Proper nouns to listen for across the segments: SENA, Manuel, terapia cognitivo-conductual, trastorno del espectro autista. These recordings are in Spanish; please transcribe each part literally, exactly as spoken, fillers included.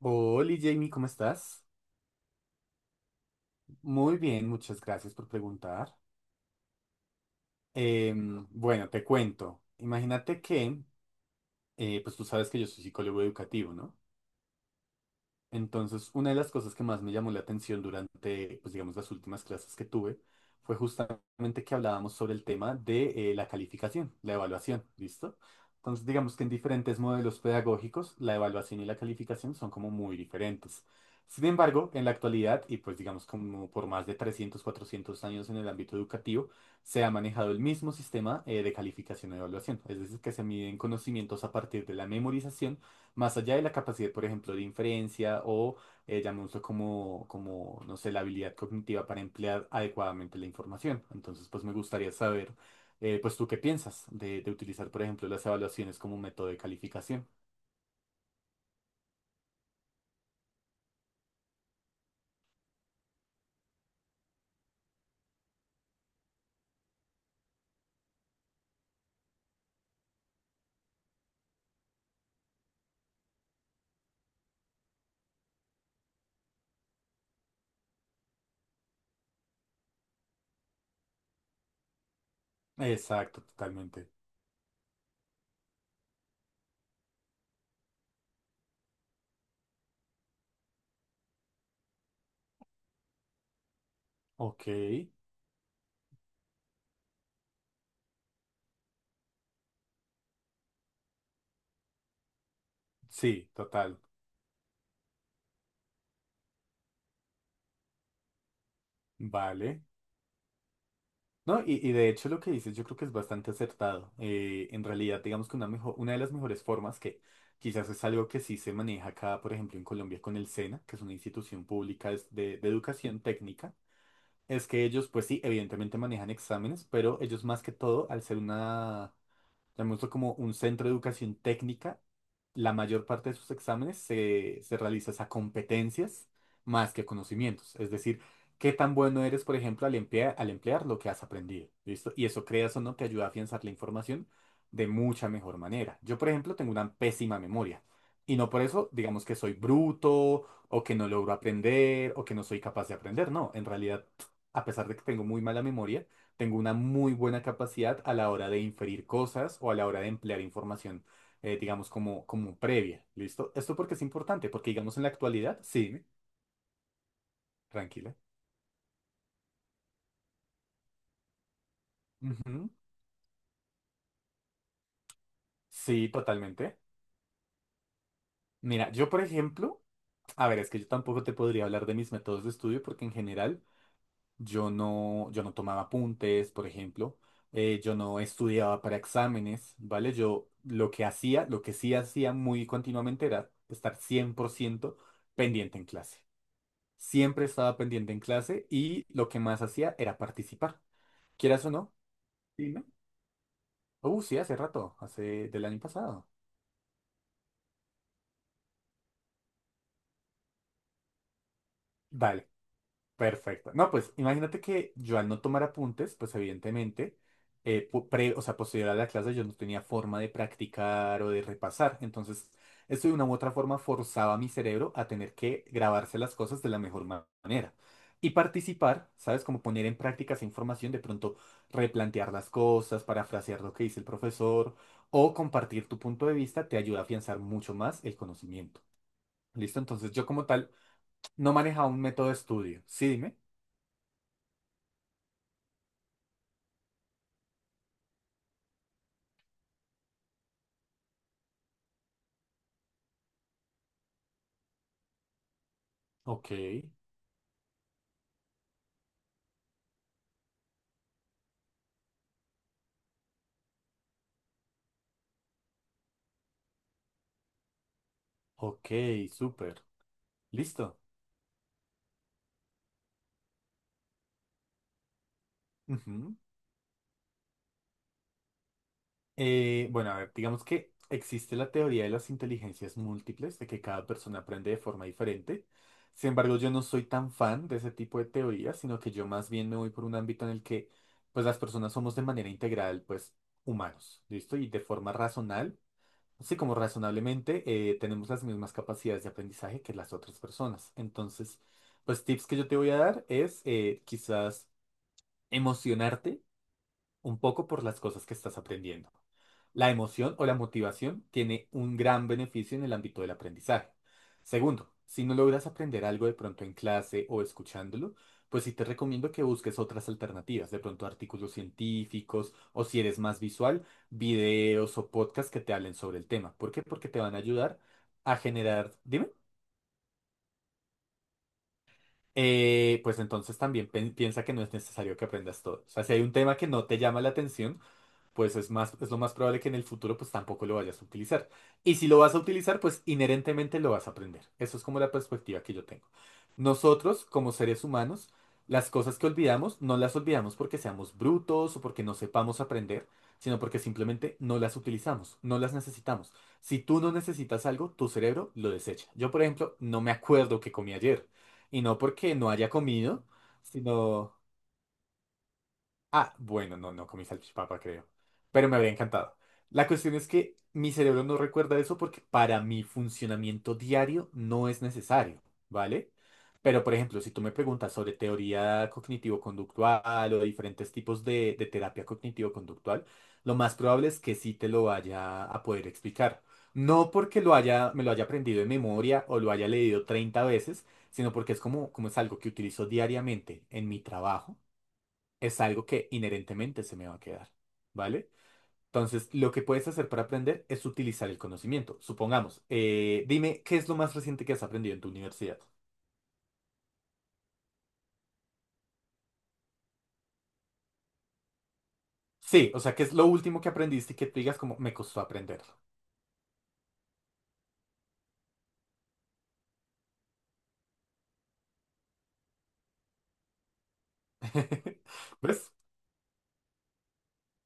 Hola Jamie, ¿cómo estás? Muy bien, muchas gracias por preguntar. Em, bueno, te cuento. Imagínate que, eh, pues tú sabes que yo soy psicólogo educativo, ¿no? Entonces, una de las cosas que más me llamó la atención durante, pues digamos, las últimas clases que tuve fue justamente que hablábamos sobre el tema de eh, la calificación, la evaluación, ¿listo? Entonces, digamos que en diferentes modelos pedagógicos, la evaluación y la calificación son como muy diferentes. Sin embargo, en la actualidad, y pues digamos como por más de trescientos cuatrocientos años en el ámbito educativo, se ha manejado el mismo sistema eh, de calificación y evaluación. Es decir, que se miden conocimientos a partir de la memorización más allá de la capacidad, por ejemplo, de inferencia o eh, llamémoslo como, como, no sé, la habilidad cognitiva para emplear adecuadamente la información. Entonces, pues me gustaría saber, eh, pues tú qué piensas de, de utilizar, por ejemplo, las evaluaciones como un método de calificación. Exacto, totalmente. Ok, sí, total. Vale. No, y, y de hecho lo que dices yo creo que es bastante acertado. Eh, en realidad, digamos que una, mejo- una de las mejores formas que quizás es algo que sí se maneja acá, por ejemplo, en Colombia con el SENA, que es una institución pública es de, de educación técnica, es que ellos, pues sí, evidentemente manejan exámenes, pero ellos más que todo, al ser una le muestro como un centro de educación técnica. La mayor parte de sus exámenes se, se realiza es a competencias más que a conocimientos. Es decir, qué tan bueno eres, por ejemplo, al emplear, al emplear lo que has aprendido. ¿Listo? Y eso, creas o no, te ayuda a afianzar la información de mucha mejor manera. Yo, por ejemplo, tengo una pésima memoria. Y no por eso, digamos que soy bruto, o que no logro aprender, o que no soy capaz de aprender. No, en realidad, a pesar de que tengo muy mala memoria, tengo una muy buena capacidad a la hora de inferir cosas o a la hora de emplear información, eh, digamos, como, como previa. ¿Listo? Esto porque es importante, porque digamos en la actualidad, sí, tranquila. Ujú. Sí, totalmente. Mira, yo por ejemplo, a ver, es que yo tampoco te podría hablar de mis métodos de estudio porque en general yo no, yo no tomaba apuntes, por ejemplo, eh, yo no estudiaba para exámenes, ¿vale? Yo lo que hacía, lo que sí hacía muy continuamente era estar cien por ciento pendiente en clase. Siempre estaba pendiente en clase y lo que más hacía era participar. Quieras o no, dime. Uh, sí, hace rato, hace del año pasado. Dale. Perfecto. No, pues imagínate que yo al no tomar apuntes, pues evidentemente, eh, pu- pre- o sea, posterior a la clase yo no tenía forma de practicar o de repasar. Entonces, esto de una u otra forma forzaba a mi cerebro a tener que grabarse las cosas de la mejor ma- manera. Y participar, ¿sabes? Como poner en práctica esa información, de pronto replantear las cosas, parafrasear lo que dice el profesor o compartir tu punto de vista te ayuda a afianzar mucho más el conocimiento. ¿Listo? Entonces, yo como tal no manejaba un método de estudio. Sí, dime. Ok, ok, súper. Listo. Ujú. Eh, bueno, a ver, digamos que existe la teoría de las inteligencias múltiples, de que cada persona aprende de forma diferente. Sin embargo, yo no soy tan fan de ese tipo de teorías, sino que yo más bien me voy por un ámbito en el que, pues, las personas somos de manera integral, pues, humanos, ¿listo? Y de forma razonal, así como razonablemente, eh, tenemos las mismas capacidades de aprendizaje que las otras personas. Entonces, pues, tips que yo te voy a dar es, eh, quizás emocionarte un poco por las cosas que estás aprendiendo. La emoción o la motivación tiene un gran beneficio en el ámbito del aprendizaje. Segundo, si no logras aprender algo de pronto en clase o escuchándolo, pues sí te recomiendo que busques otras alternativas, de pronto artículos científicos o si eres más visual, videos o podcasts que te hablen sobre el tema. ¿Por qué? Porque te van a ayudar a generar, dime, Eh, pues entonces también pen- piensa que no es necesario que aprendas todo. O sea, si hay un tema que no te llama la atención, pues es más, es lo más probable que en el futuro pues tampoco lo vayas a utilizar. Y si lo vas a utilizar, pues inherentemente lo vas a aprender. Eso es como la perspectiva que yo tengo. Nosotros, como seres humanos, las cosas que olvidamos, no las olvidamos porque seamos brutos o porque no sepamos aprender, sino porque simplemente no las utilizamos, no las necesitamos. Si tú no necesitas algo, tu cerebro lo desecha. Yo, por ejemplo, no me acuerdo qué comí ayer. Y no porque no haya comido, sino... Ah, bueno, no, no comí salchipapa, creo. Pero me habría encantado. La cuestión es que mi cerebro no recuerda eso porque para mi funcionamiento diario no es necesario, ¿vale? Pero, por ejemplo, si tú me preguntas sobre teoría cognitivo-conductual o diferentes tipos de, de terapia cognitivo-conductual, lo más probable es que sí te lo vaya a poder explicar. No porque lo haya, me lo haya aprendido de memoria o lo haya leído treinta veces, sino porque es como, como es algo que utilizo diariamente en mi trabajo es algo que inherentemente se me va a quedar, ¿vale? Entonces, lo que puedes hacer para aprender es utilizar el conocimiento. Supongamos, eh, dime, ¿qué es lo más reciente que has aprendido en tu universidad? Sí, o sea, ¿qué es lo último que aprendiste y que tú digas como me costó aprenderlo? ¿Ves?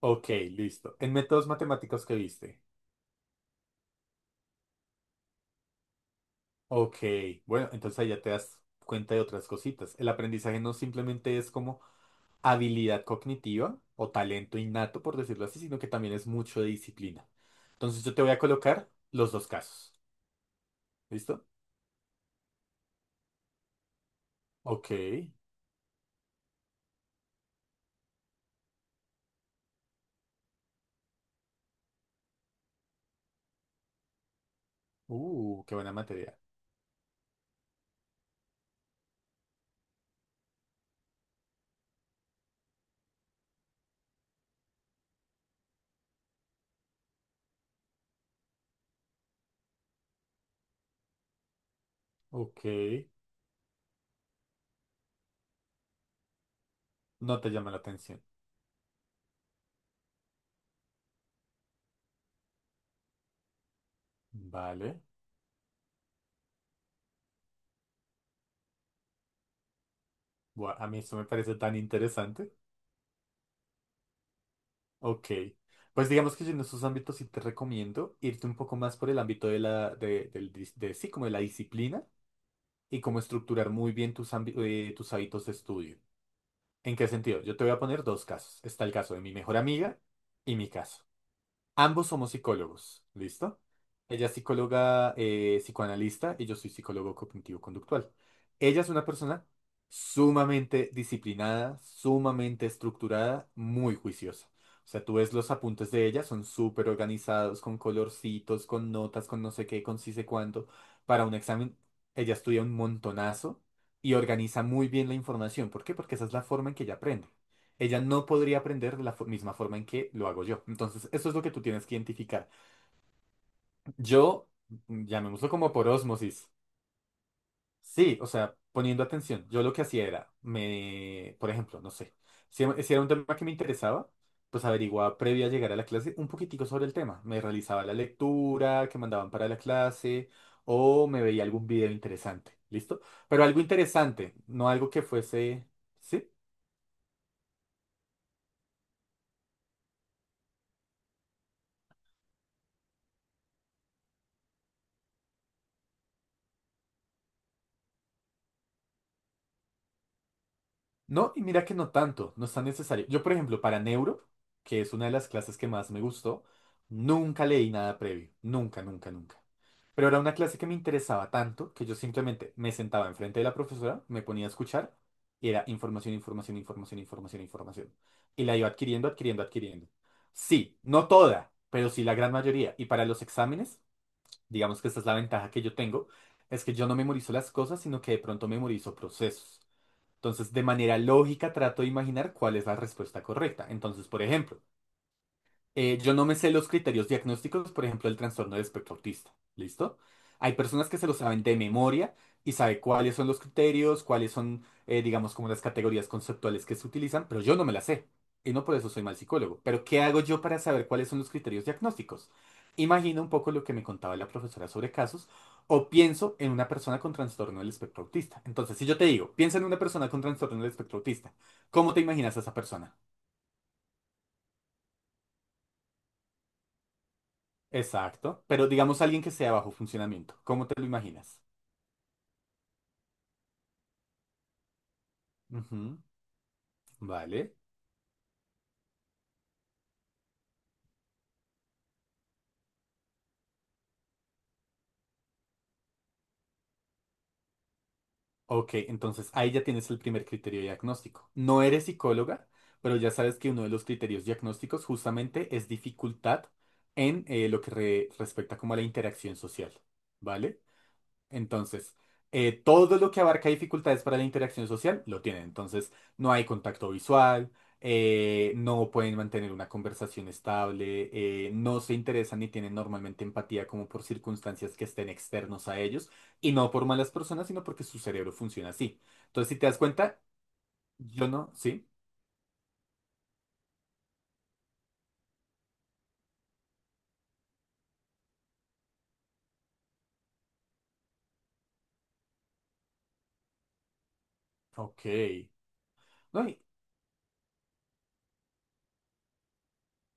Ok, listo. En métodos matemáticos que viste. Ok, bueno, entonces ahí ya te das cuenta de otras cositas. El aprendizaje no simplemente es como habilidad cognitiva o talento innato, por decirlo así, sino que también es mucho de disciplina. Entonces yo te voy a colocar los dos casos. ¿Listo? Ok. Uh, qué buena materia. Ok. No te llama la atención. Vale. Buah, a mí esto me parece tan interesante. Ok. Pues digamos que yo en esos ámbitos sí te recomiendo irte un poco más por el ámbito de la, de, del dis- de- sí, como de la disciplina y cómo estructurar muy bien tus, ámbi- eh, tus hábitos de estudio. ¿En qué sentido? Yo te voy a poner dos casos. Está el caso de mi mejor amiga y mi caso. Ambos somos psicólogos, ¿listo? Ella es psicóloga eh, psicoanalista y yo soy psicólogo cognitivo-conductual. Ella es una persona sumamente disciplinada, sumamente estructurada, muy juiciosa. O sea, tú ves los apuntes de ella, son súper organizados, con colorcitos, con notas, con no sé qué, con sí sé cuánto. Para un examen, ella estudia un montonazo y organiza muy bien la información. ¿Por qué? Porque esa es la forma en que ella aprende. Ella no podría aprender de la fo- misma forma en que lo hago yo. Entonces, eso es lo que tú tienes que identificar. Yo, mm, llamémoslo como por ósmosis. Sí, o sea, poniendo atención, yo lo que hacía era, me, por ejemplo, no sé, si, em- si era un tema que me interesaba, pues averiguaba previo a llegar a la clase un poquitico sobre el tema. Me realizaba la lectura que mandaban para la clase o me veía algún video interesante. ¿Listo? Pero algo interesante, no algo que fuese... ¿sí? No, y mira que no tanto, no es tan necesario. Yo, por ejemplo, para Neuro, que es una de las clases que más me gustó, nunca leí nada previo, nunca, nunca, nunca. Pero era una clase que me interesaba tanto que yo simplemente me sentaba enfrente de la profesora, me ponía a escuchar y era información, información, información, información, información. Y la iba adquiriendo, adquiriendo, adquiriendo. Sí, no toda, pero sí la gran mayoría. Y para los exámenes, digamos que esta es la ventaja que yo tengo, es que yo no memorizo las cosas, sino que de pronto memorizo procesos. Entonces, de manera lógica, trato de imaginar cuál es la respuesta correcta. Entonces, por ejemplo, eh, yo no me sé los criterios diagnósticos, por ejemplo, del trastorno del espectro autista. ¿Listo? Hay personas que se lo saben de memoria y sabe cuáles son los criterios, cuáles son, eh, digamos, como las categorías conceptuales que se utilizan, pero yo no me las sé. Y no por eso soy mal psicólogo. Pero ¿qué hago yo para saber cuáles son los criterios diagnósticos? Imagino un poco lo que me contaba la profesora sobre casos o pienso en una persona con trastorno del espectro autista. Entonces, si yo te digo, piensa en una persona con trastorno del espectro autista, ¿cómo te imaginas a esa persona? Exacto. Pero digamos alguien que sea de bajo funcionamiento. ¿Cómo te lo imaginas? Ujú, vale. Ok, entonces ahí ya tienes el primer criterio diagnóstico. No eres psicóloga, pero ya sabes que uno de los criterios diagnósticos justamente es dificultad en eh, lo que re- respecta como a la interacción social. ¿Vale? Entonces, eh, todo lo que abarca dificultades para la interacción social lo tienen. Entonces, no hay contacto visual, eh, no pueden mantener una conversación estable, eh, no se interesan ni tienen normalmente empatía como por circunstancias que estén externos a ellos, y no por malas personas, sino porque su cerebro funciona así. Entonces, si te das cuenta, yo no, sí, ok. No, y-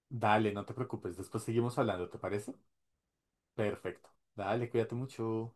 dale, no te preocupes, después seguimos hablando, ¿te parece? Perfecto. Dale, cuídate mucho.